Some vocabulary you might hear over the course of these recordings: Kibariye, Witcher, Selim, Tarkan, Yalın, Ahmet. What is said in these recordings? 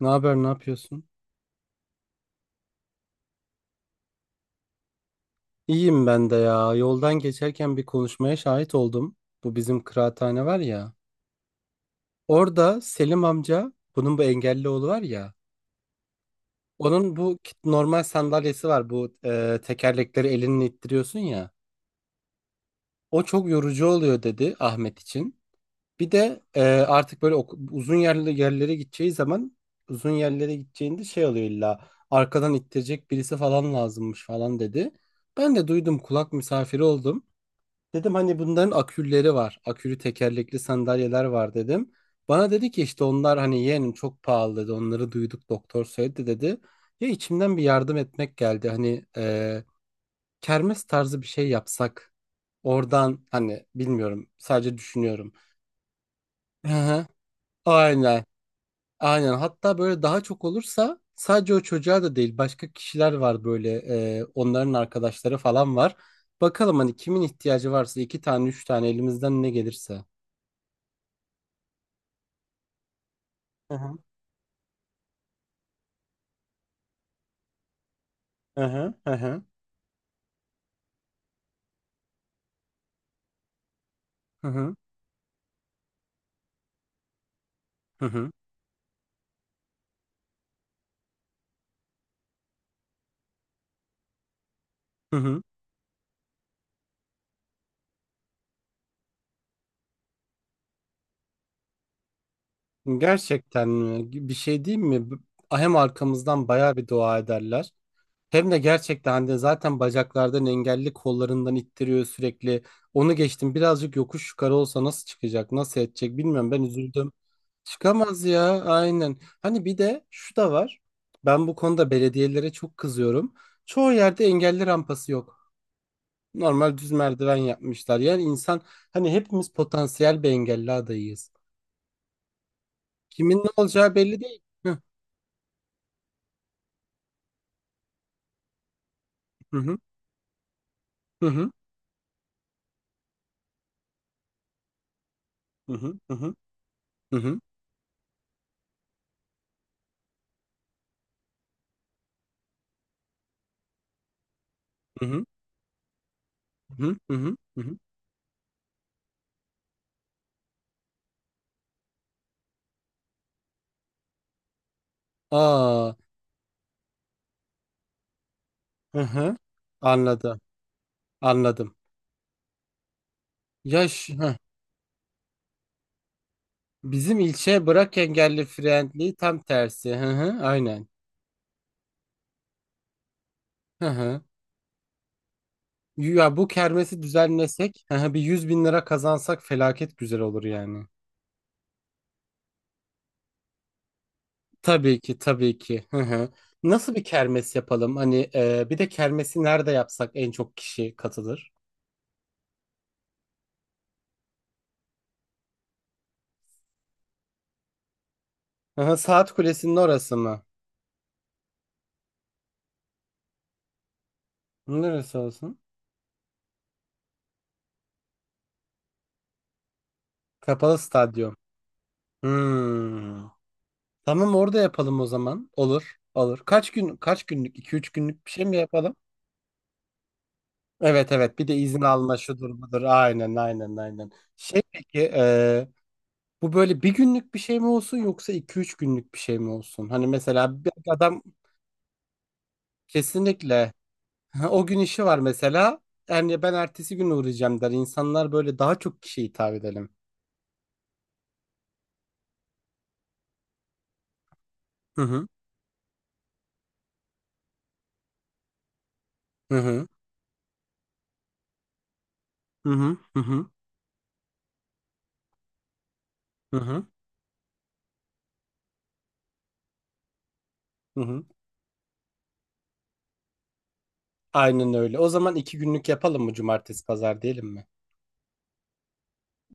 Ne haber, ne yapıyorsun? İyiyim ben de ya. Yoldan geçerken bir konuşmaya şahit oldum. Bu bizim kıraathane var ya. Orada Selim amca, bunun bu engelli oğlu var ya. Onun bu normal sandalyesi var. Bu tekerlekleri elinle ittiriyorsun ya. O çok yorucu oluyor dedi Ahmet için. Bir de artık böyle uzun yerli yerlere gideceği zaman uzun yerlere gideceğinde şey oluyor illa arkadan ittirecek birisi falan lazımmış falan dedi. Ben de duydum kulak misafiri oldum. Dedim hani bunların akülleri var. Akülü tekerlekli sandalyeler var dedim. Bana dedi ki işte onlar hani yeğenim çok pahalı dedi. Onları duyduk doktor söyledi dedi. Ya içimden bir yardım etmek geldi. Hani kermes tarzı bir şey yapsak. Oradan hani bilmiyorum sadece düşünüyorum. Hı hı. Aynen. Aynen. Hatta böyle daha çok olursa sadece o çocuğa da değil başka kişiler var böyle onların arkadaşları falan var. Bakalım hani kimin ihtiyacı varsa iki tane üç tane elimizden ne gelirse. Hı hı. Hı hı. Hı hı. Hı hı. Hı hı. Hı hı. Gerçekten mi? Bir şey diyeyim mi? Hem arkamızdan bayağı bir dua ederler. Hem de gerçekten hani zaten bacaklardan engelli kollarından ittiriyor sürekli. Onu geçtim birazcık yokuş yukarı olsa nasıl çıkacak nasıl edecek bilmiyorum ben üzüldüm. Çıkamaz ya aynen. Hani bir de şu da var. Ben bu konuda belediyelere çok kızıyorum. Çoğu yerde engelli rampası yok. Normal düz merdiven yapmışlar. Yani insan hani hepimiz potansiyel bir engelli adayıyız. Kimin ne olacağı belli değil. Hı hı. Hı hı. Hı hı. Hı hı. Hı hı. Hı hı. Hı. Aa, hı hı. Anladım. Anladım. Yaş hı. Bizim ilçeye bırak engelli friendly tam tersi. Hı hı. Aynen. Hı hı. Ya bu kermesi düzenlesek, hı hı, bir 100.000 lira kazansak felaket güzel olur yani. Tabii ki, tabii ki. Hı hı. Nasıl bir kermes yapalım? Hani bir de kermesi nerede yapsak en çok kişi katılır? Hı hı, Saat Kulesi'nin orası mı? Neresi olsun? Kapalı stadyum. Hmm. Tamam orada yapalım o zaman. Olur, olur. Kaç gün, kaç günlük? 2 üç günlük bir şey mi yapalım? Evet evet bir de izin alma şudur budur. Aynen aynen aynen. Şey peki bu böyle bir günlük bir şey mi olsun yoksa iki üç günlük bir şey mi olsun? Hani mesela bir adam kesinlikle. Ha, o gün işi var mesela. Yani ben ertesi gün uğrayacağım der. İnsanlar böyle daha çok kişiye hitap edelim. Hı hı. Hı hı. Hı hı. Hı hı. Hı hı. Hı hı. Aynen öyle. O zaman iki günlük yapalım mı cumartesi pazar diyelim mi?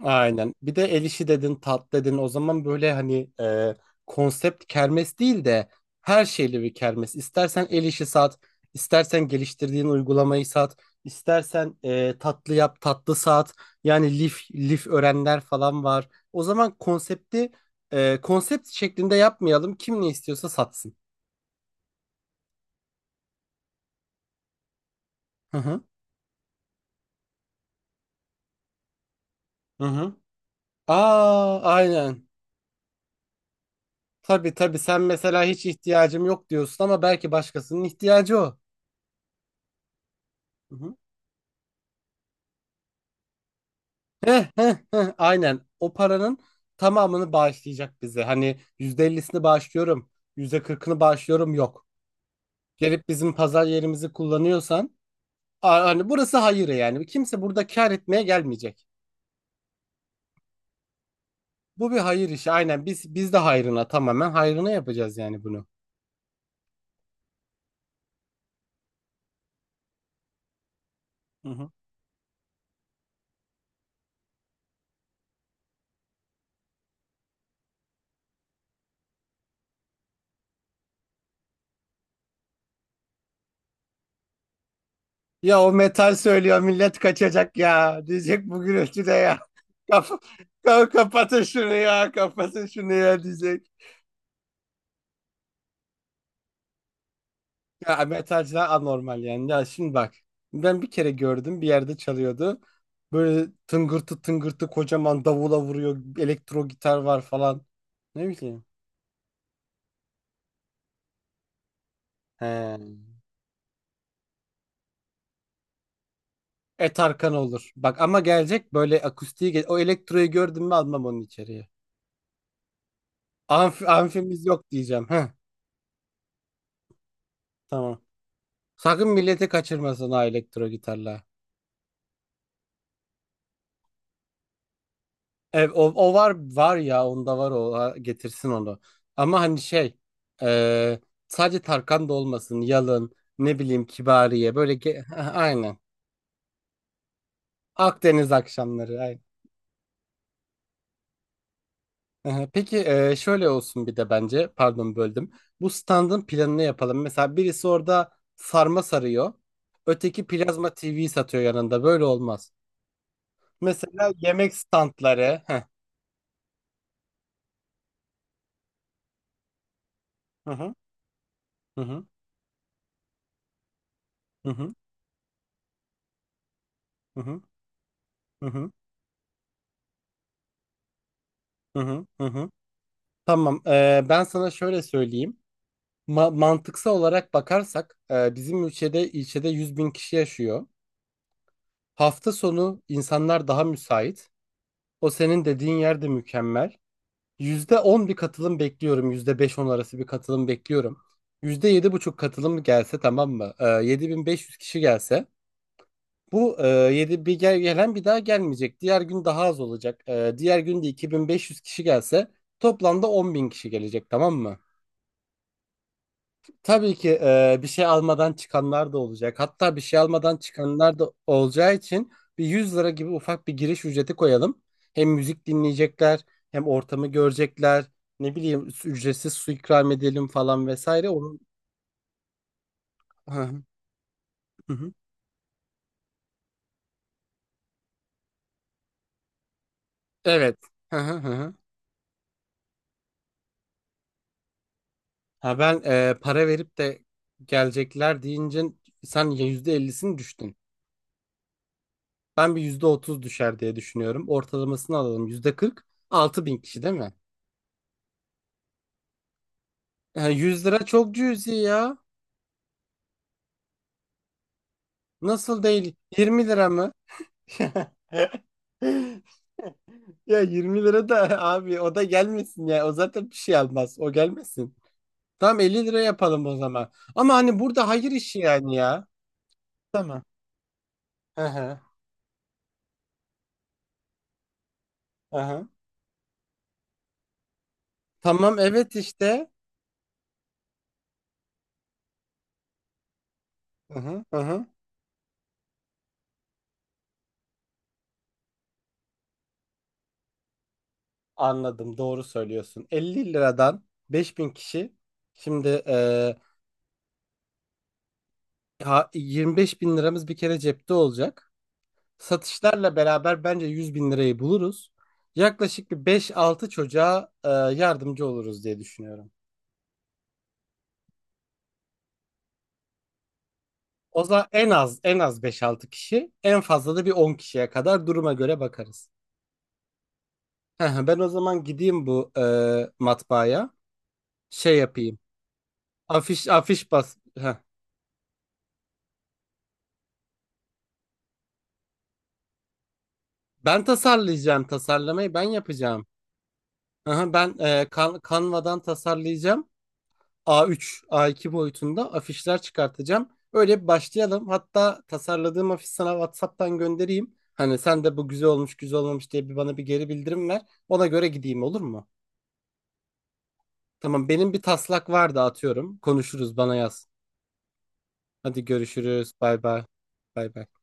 Aynen. Bir de el işi dedin, tat dedin. O zaman böyle hani konsept kermes değil de her şeyli bir kermes. İstersen el işi sat, istersen geliştirdiğin uygulamayı sat, istersen tatlı yap, tatlı sat. Yani lif, lif öğrenler falan var. O zaman konsepti konsept şeklinde yapmayalım. Kim ne istiyorsa satsın. Hı hı. Hı hı. Aa, aynen. Tabii tabii sen mesela hiç ihtiyacım yok diyorsun ama belki başkasının ihtiyacı o. Hı hı. Heh, heh, heh, aynen. O paranın tamamını bağışlayacak bize. Hani %50'sini bağışlıyorum, %40'ını bağışlıyorum yok. Gelip bizim pazar yerimizi kullanıyorsan, hani burası hayır yani. Kimse burada kar etmeye gelmeyecek. Bu bir hayır işi. Aynen biz de hayrına tamamen hayrına yapacağız yani bunu. Hı hı. Ya o metal söylüyor millet kaçacak ya. Diyecek bu gürültüde ya. Kap Kapatın şunu ya, kapatın şunu ya diyecek. Ya metalciler anormal yani. Ya şimdi bak. Ben bir kere gördüm bir yerde çalıyordu. Böyle tıngırtı tıngırtı kocaman davula vuruyor. Elektro gitar var falan. Ne bileyim. He. Et Arkan olur. Bak ama gelecek böyle akustiği. O elektroyu gördüm mü almam onu içeriye. Amfimiz yok diyeceğim. Heh, tamam. Sakın milleti kaçırmasın ha elektro gitarla. Ev, o, o var var ya onda var o ha, getirsin onu. Ama hani şey e, sadece Tarkan da olmasın Yalın ne bileyim Kibariye böyle aynen Akdeniz akşamları aynen. Aha, peki şöyle olsun bir de bence pardon böldüm. Bu standın planını yapalım. Mesela birisi orada sarma sarıyor. Öteki plazma TV satıyor yanında. Böyle olmaz. Mesela yemek standları. Heh. Hı hı. Hı hı. Hı hı. Hı hı. Hı hı. Hı. Hı. Hı hı. Tamam. Ben sana şöyle söyleyeyim. Mantıksal olarak bakarsak bizim ülkede ilçede 100 bin kişi yaşıyor. Hafta sonu insanlar daha müsait. O senin dediğin yer de mükemmel. %10 bir katılım bekliyorum. Yüzde beş on arası bir katılım bekliyorum. %7,5 katılım gelse tamam mı? 7.500 kişi gelse. Bu 7 bir gel gelen bir daha gelmeyecek. Diğer gün daha az olacak. Diğer gün de 2.500 kişi gelse toplamda 10.000 kişi gelecek tamam mı? Tabii ki bir şey almadan çıkanlar da olacak. Hatta bir şey almadan çıkanlar da olacağı için bir 100 lira gibi ufak bir giriş ücreti koyalım. Hem müzik dinleyecekler, hem ortamı görecekler. Ne bileyim ücretsiz su ikram edelim falan vesaire. Onun hı hı, hı hı. Evet. Hı hı, hı hı. Ha ben para verip de gelecekler deyince sen %50'sini düştün. Ben bir %30 düşer diye düşünüyorum. Ortalamasını alalım %40. 6.000 kişi değil mi? Ha, 100 lira çok cüzi ya. Nasıl değil? 20 lira mı? Ya 20 lira da abi o da gelmesin ya. O zaten bir şey almaz. O gelmesin. Tamam 50 lira yapalım o zaman. Ama hani burada hayır işi yani ya. Tamam. Hı hı. Hı hı. Tamam evet işte. Hı hı. Hı hı. Anladım doğru söylüyorsun. 50 liradan 5.000 kişi. Şimdi 25 bin liramız bir kere cepte olacak. Satışlarla beraber bence 100.000 lirayı buluruz. Yaklaşık bir beş-altı çocuğa yardımcı oluruz diye düşünüyorum. O zaman en az en az beş-altı kişi, en fazla da bir 10 kişiye kadar duruma göre bakarız. Ben o zaman gideyim bu matbaaya. Şey yapayım. Afiş afiş bas. Heh. Ben tasarlayacağım tasarlamayı ben yapacağım. Aha, ben Canva'dan tasarlayacağım. A3, A2 boyutunda afişler çıkartacağım. Öyle bir başlayalım. Hatta tasarladığım afiş sana WhatsApp'tan göndereyim. Hani sen de bu güzel olmuş, güzel olmamış diye bir bana bir geri bildirim ver. Ona göre gideyim olur mu? Tamam, benim bir taslak vardı atıyorum. Konuşuruz, bana yaz. Hadi görüşürüz. Bay bay. Bay bay.